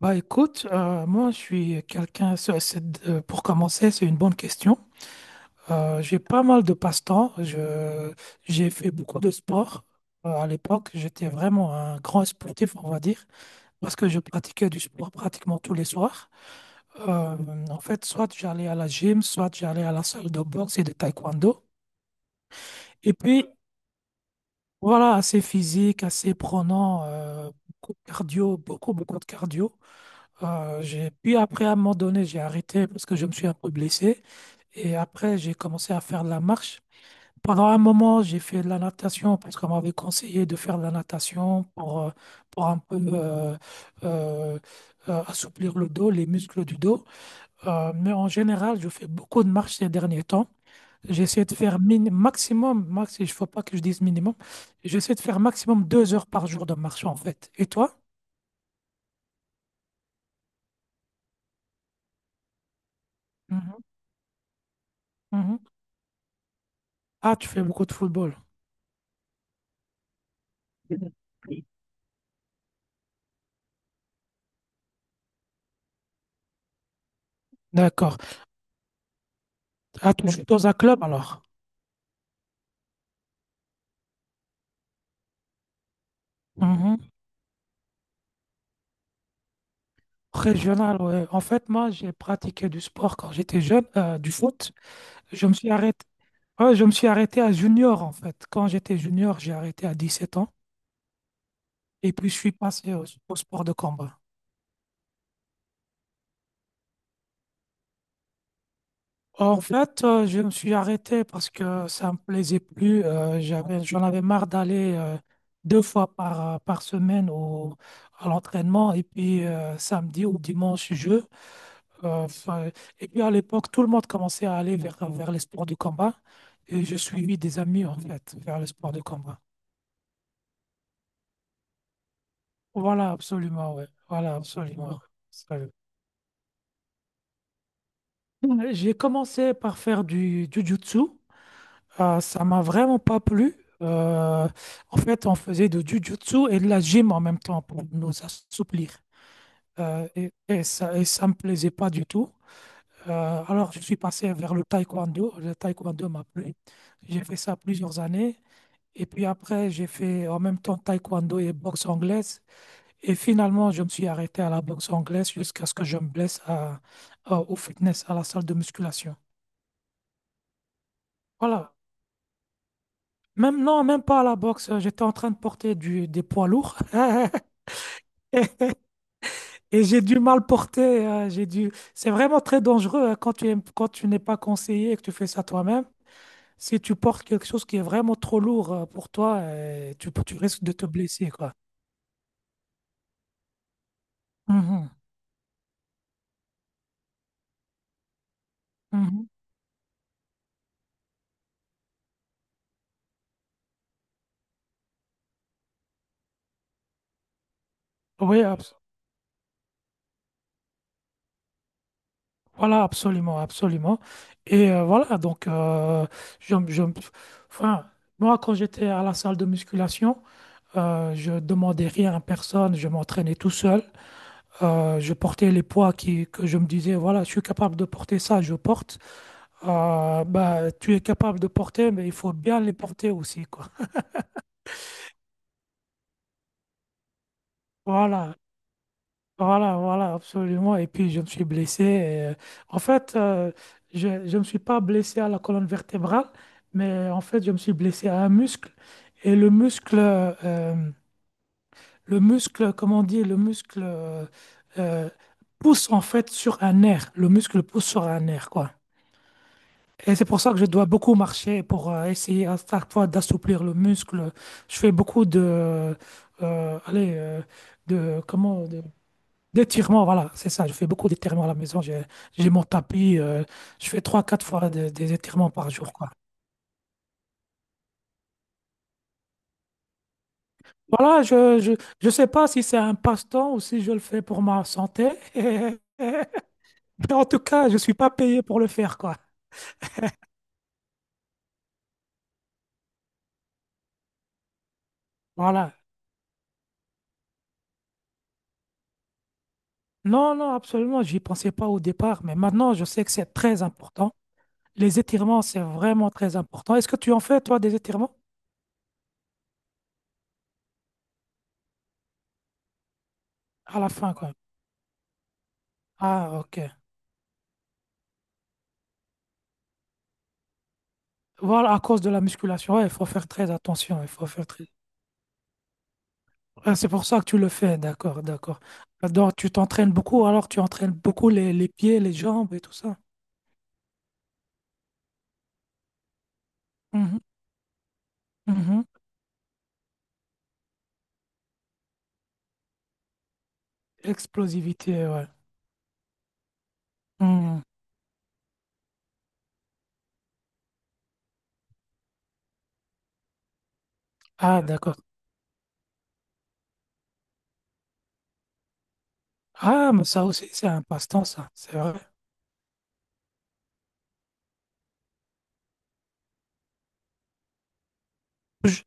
Bah écoute, moi je suis quelqu'un, pour commencer, c'est une bonne question. J'ai pas mal de passe-temps. J'ai fait beaucoup de sport. À l'époque, j'étais vraiment un grand sportif, on va dire, parce que je pratiquais du sport pratiquement tous les soirs. Euh, En fait, soit j'allais à la gym, soit j'allais à la salle de boxe et de taekwondo. Et puis, voilà, assez physique, assez prenant, beaucoup de cardio, beaucoup, beaucoup de cardio. Puis après, à un moment donné, j'ai arrêté parce que je me suis un peu blessé. Et après, j'ai commencé à faire de la marche. Pendant un moment, j'ai fait de la natation parce qu'on m'avait conseillé de faire de la natation pour un peu euh, assouplir le dos, les muscles du dos. Mais en général, je fais beaucoup de marche ces derniers temps. J'essaie de faire min maximum, max, il ne faut pas que je dise minimum, j'essaie de faire maximum 2 heures par jour de marche en fait. Et toi? Mhm, mhm. Ah, tu fais beaucoup de football. D'accord. Ah, tu joues dans un club alors? Mhm. Régional, ouais. En fait, moi, j'ai pratiqué du sport quand j'étais jeune, du foot. Je me suis arrêté. Ouais, je me suis arrêté à junior, en fait. Quand j'étais junior, j'ai arrêté à 17 ans. Et puis, je suis passé au sport de combat. En fait, je me suis arrêté parce que ça me plaisait plus. J'en avais marre d'aller deux fois par semaine à l'entraînement. Et puis, samedi ou dimanche, je. Enfin, et puis à l'époque, tout le monde commençait à aller vers les sports de combat. Et je suivis des amis, en fait, vers les sports de combat. Voilà, absolument, ouais. Voilà, absolument. Absolument. J'ai commencé par faire du jiu-jitsu. Ça m'a vraiment pas plu. Euh, En fait, on faisait du jiu-jitsu et de la gym en même temps pour nous assouplir. Et ça me plaisait pas du tout. Alors, je suis passé vers le taekwondo. Le taekwondo m'a plu. J'ai fait ça plusieurs années. Et puis après, j'ai fait en même temps taekwondo et boxe anglaise. Et finalement, je me suis arrêté à la boxe anglaise jusqu'à ce que je me blesse au fitness, à la salle de musculation. Voilà. Même non, même pas à la boxe. J'étais en train de porter des poids lourds. Et et j'ai du mal porter. J'ai dû... C'est vraiment très dangereux hein, quand quand tu n'es pas conseillé et que tu fais ça toi-même. Si tu portes quelque chose qui est vraiment trop lourd pour toi, tu risques de te blesser, quoi. Mhm, mhm. Oui. Voilà, absolument, absolument. Et voilà, donc, je, je- enfin, moi, quand j'étais à la salle de musculation, je demandais rien à personne, je m'entraînais tout seul. Je portais les poids que je me disais, voilà, je suis capable de porter ça, je porte. Bah, tu es capable de porter, mais il faut bien les porter aussi, quoi. Voilà. Voilà, voilà, absolument. Et puis, je me suis blessé. Et, en fait, je ne me suis pas blessé à la colonne vertébrale, mais en fait, je me suis blessé à un muscle. Et le muscle, comment on dit, le muscle euh, pousse en fait sur un nerf. Le muscle pousse sur un nerf, quoi. Et c'est pour ça que je dois beaucoup marcher pour essayer à chaque fois d'assouplir le muscle. Je fais beaucoup de, allez, de comment, de, d'étirement, voilà, c'est ça. Je fais beaucoup d'étirements à la maison. J'ai mon tapis. Je fais trois, quatre fois des étirements par jour, quoi. Voilà, je sais pas si c'est un passe-temps ou si je le fais pour ma santé. Mais en tout cas, je suis pas payé pour le faire, quoi. Voilà. Non, non, absolument. J'y pensais pas au départ, mais maintenant, je sais que c'est très important. Les étirements, c'est vraiment très important. Est-ce que tu en fais, toi, des étirements? À la fin, quoi. Ah, ok. Voilà, à cause de la musculation, ouais, il faut faire très attention. Il faut faire très. Ah, c'est pour ça que tu le fais, d'accord, d'accord. Alors, tu t'entraînes beaucoup, alors tu entraînes beaucoup les pieds, les jambes et tout ça. Mhm, mhm. Explosivité, ouais. Mhm. Ah, d'accord. Ah, mais ça aussi, c'est un passe-temps, ça, c'est vrai. Tu, jou-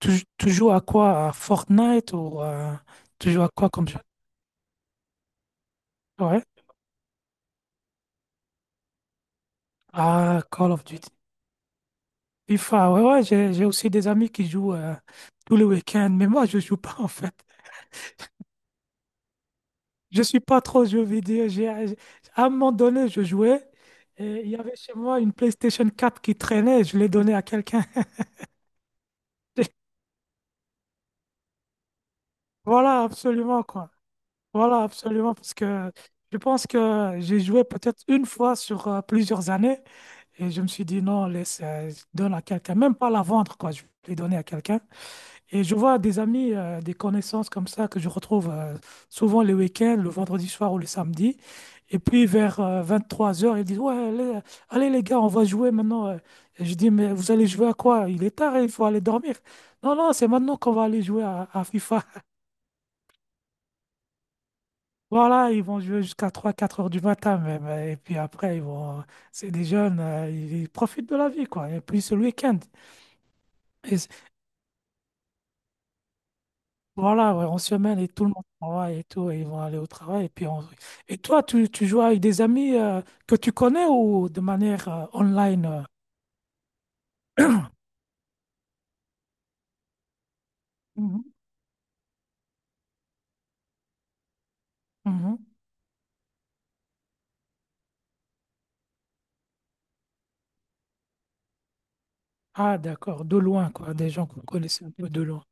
tu joues à quoi? À Fortnite ou à... Tu joues à quoi comme jeu? Ouais. Ah, Call of Duty. FIFA, ouais, ouais, j'ai aussi des amis qui jouent tous les week-ends, mais moi, je joue pas, en fait. Je suis pas trop jeux vidéo. À un moment donné, je jouais et il y avait chez moi une PlayStation 4 qui traînait. Je l'ai donnée à quelqu'un. Voilà, absolument, quoi. Voilà, absolument, parce que je pense que j'ai joué peut-être une fois sur plusieurs années et je me suis dit non, laisse, je donne à quelqu'un, même pas la vendre, quoi. Je vais donner à quelqu'un. Et je vois des amis, des connaissances comme ça que je retrouve souvent les week-ends, le vendredi soir ou le samedi. Et puis vers 23 heures ils disent, ouais, allez, allez, les gars, on va jouer maintenant. Et je dis, mais vous allez jouer à quoi? Il est tard, hein, il faut aller dormir. Non, non, c'est maintenant qu'on va aller jouer à FIFA. Voilà, ils vont jouer jusqu'à trois quatre heures du matin même. Et puis après, ils vont... C'est des jeunes, ils profitent de la vie, quoi. Et puis c'est le week-end. Voilà, ouais, on se semaine et tout le monde travaille et tout, et ils vont aller au travail. Et puis on- Et toi, tu joues avec des amis que tu connais ou de manière online. Mhm. Mhm. Ah, d'accord, de loin, quoi, des gens que vous connaissez un peu de loin.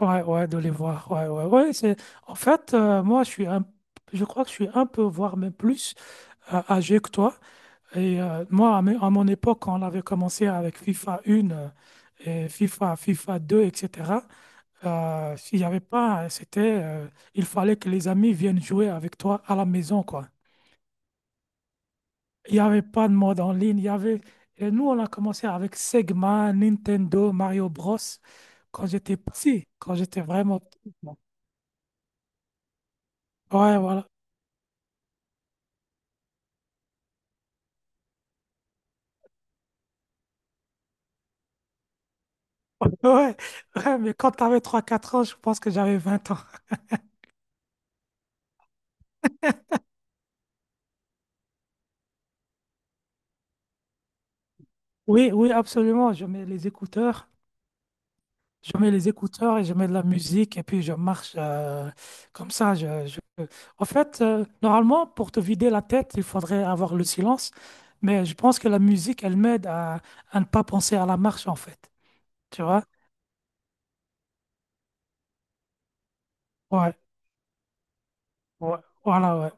Ouais, ouais, de les voir. Ouais, ouais, ouais. C'est... En fait, moi, je suis un... Je crois que je suis un peu, voire même plus âgé que toi. Et moi, à mon époque, quand on avait commencé avec FIFA 1 et FIFA 2, etc. S'il n'y avait pas, il fallait que les amis viennent jouer avec toi à la maison, quoi. Il n'y avait pas de mode en ligne. Il y avait... Et nous, on a commencé avec Sega, Nintendo, Mario Bros. Quand j'étais petit, quand j'étais vraiment petit, quoi. Ouais, voilà. Ouais, ouais, mais quand tu avais 3-4 ans, je pense que j'avais 20 ans. Oui, oui, absolument. Je mets les écouteurs. Je mets les écouteurs et je mets de la musique et puis je marche comme ça. En fait, normalement, pour te vider la tête, il faudrait avoir le silence. Mais je pense que la musique, elle m'aide à ne pas penser à la marche, en fait. Tu vois? Ouais, ouais, voilà, ouais,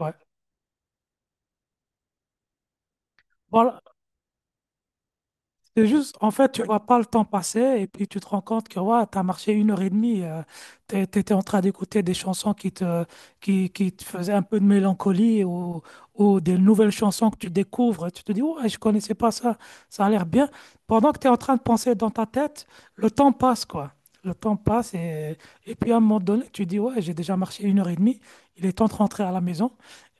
ouais. Voilà, c'est juste, en fait, tu vois pas le temps passer et puis tu te rends compte que ouais, tu as marché une heure et demie, tu étais en train d'écouter des chansons qui te faisaient un peu de mélancolie ou des nouvelles chansons que tu découvres. Tu te dis, ouais, je connaissais pas ça, ça a l'air bien. Pendant que tu es en train de penser dans ta tête, le temps passe, quoi. Le temps passe et puis à un moment donné, tu dis, ouais, j'ai déjà marché une heure et demie, il est temps de rentrer à la maison.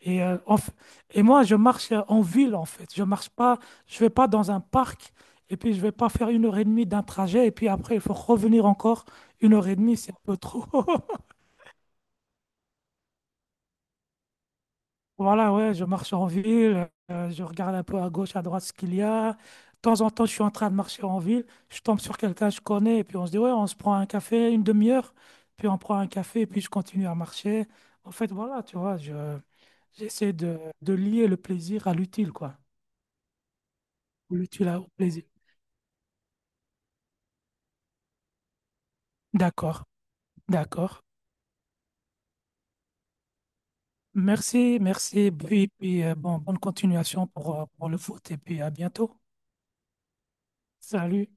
Et, euh, en f- et moi, je marche en ville, en fait. Je marche pas, je vais pas dans un parc. Et puis, je vais pas faire une heure et demie d'un trajet. Et puis après, il faut revenir encore. Une heure et demie, c'est un peu trop. Voilà, ouais, je marche en ville. Je regarde un peu à gauche, à droite ce qu'il y a. De temps en temps, je suis en train de marcher en ville. Je tombe sur quelqu'un que je connais. Et puis, on se dit, ouais, on se prend un café, une demi-heure. Puis, on prend un café. Et puis, je continue à marcher. En fait, voilà, tu vois, j'essaie de lier le plaisir à l'utile, quoi. L'utile au plaisir. D'accord, d'accord. Merci, merci. Puis bonne continuation pour le foot et puis à bientôt. Salut.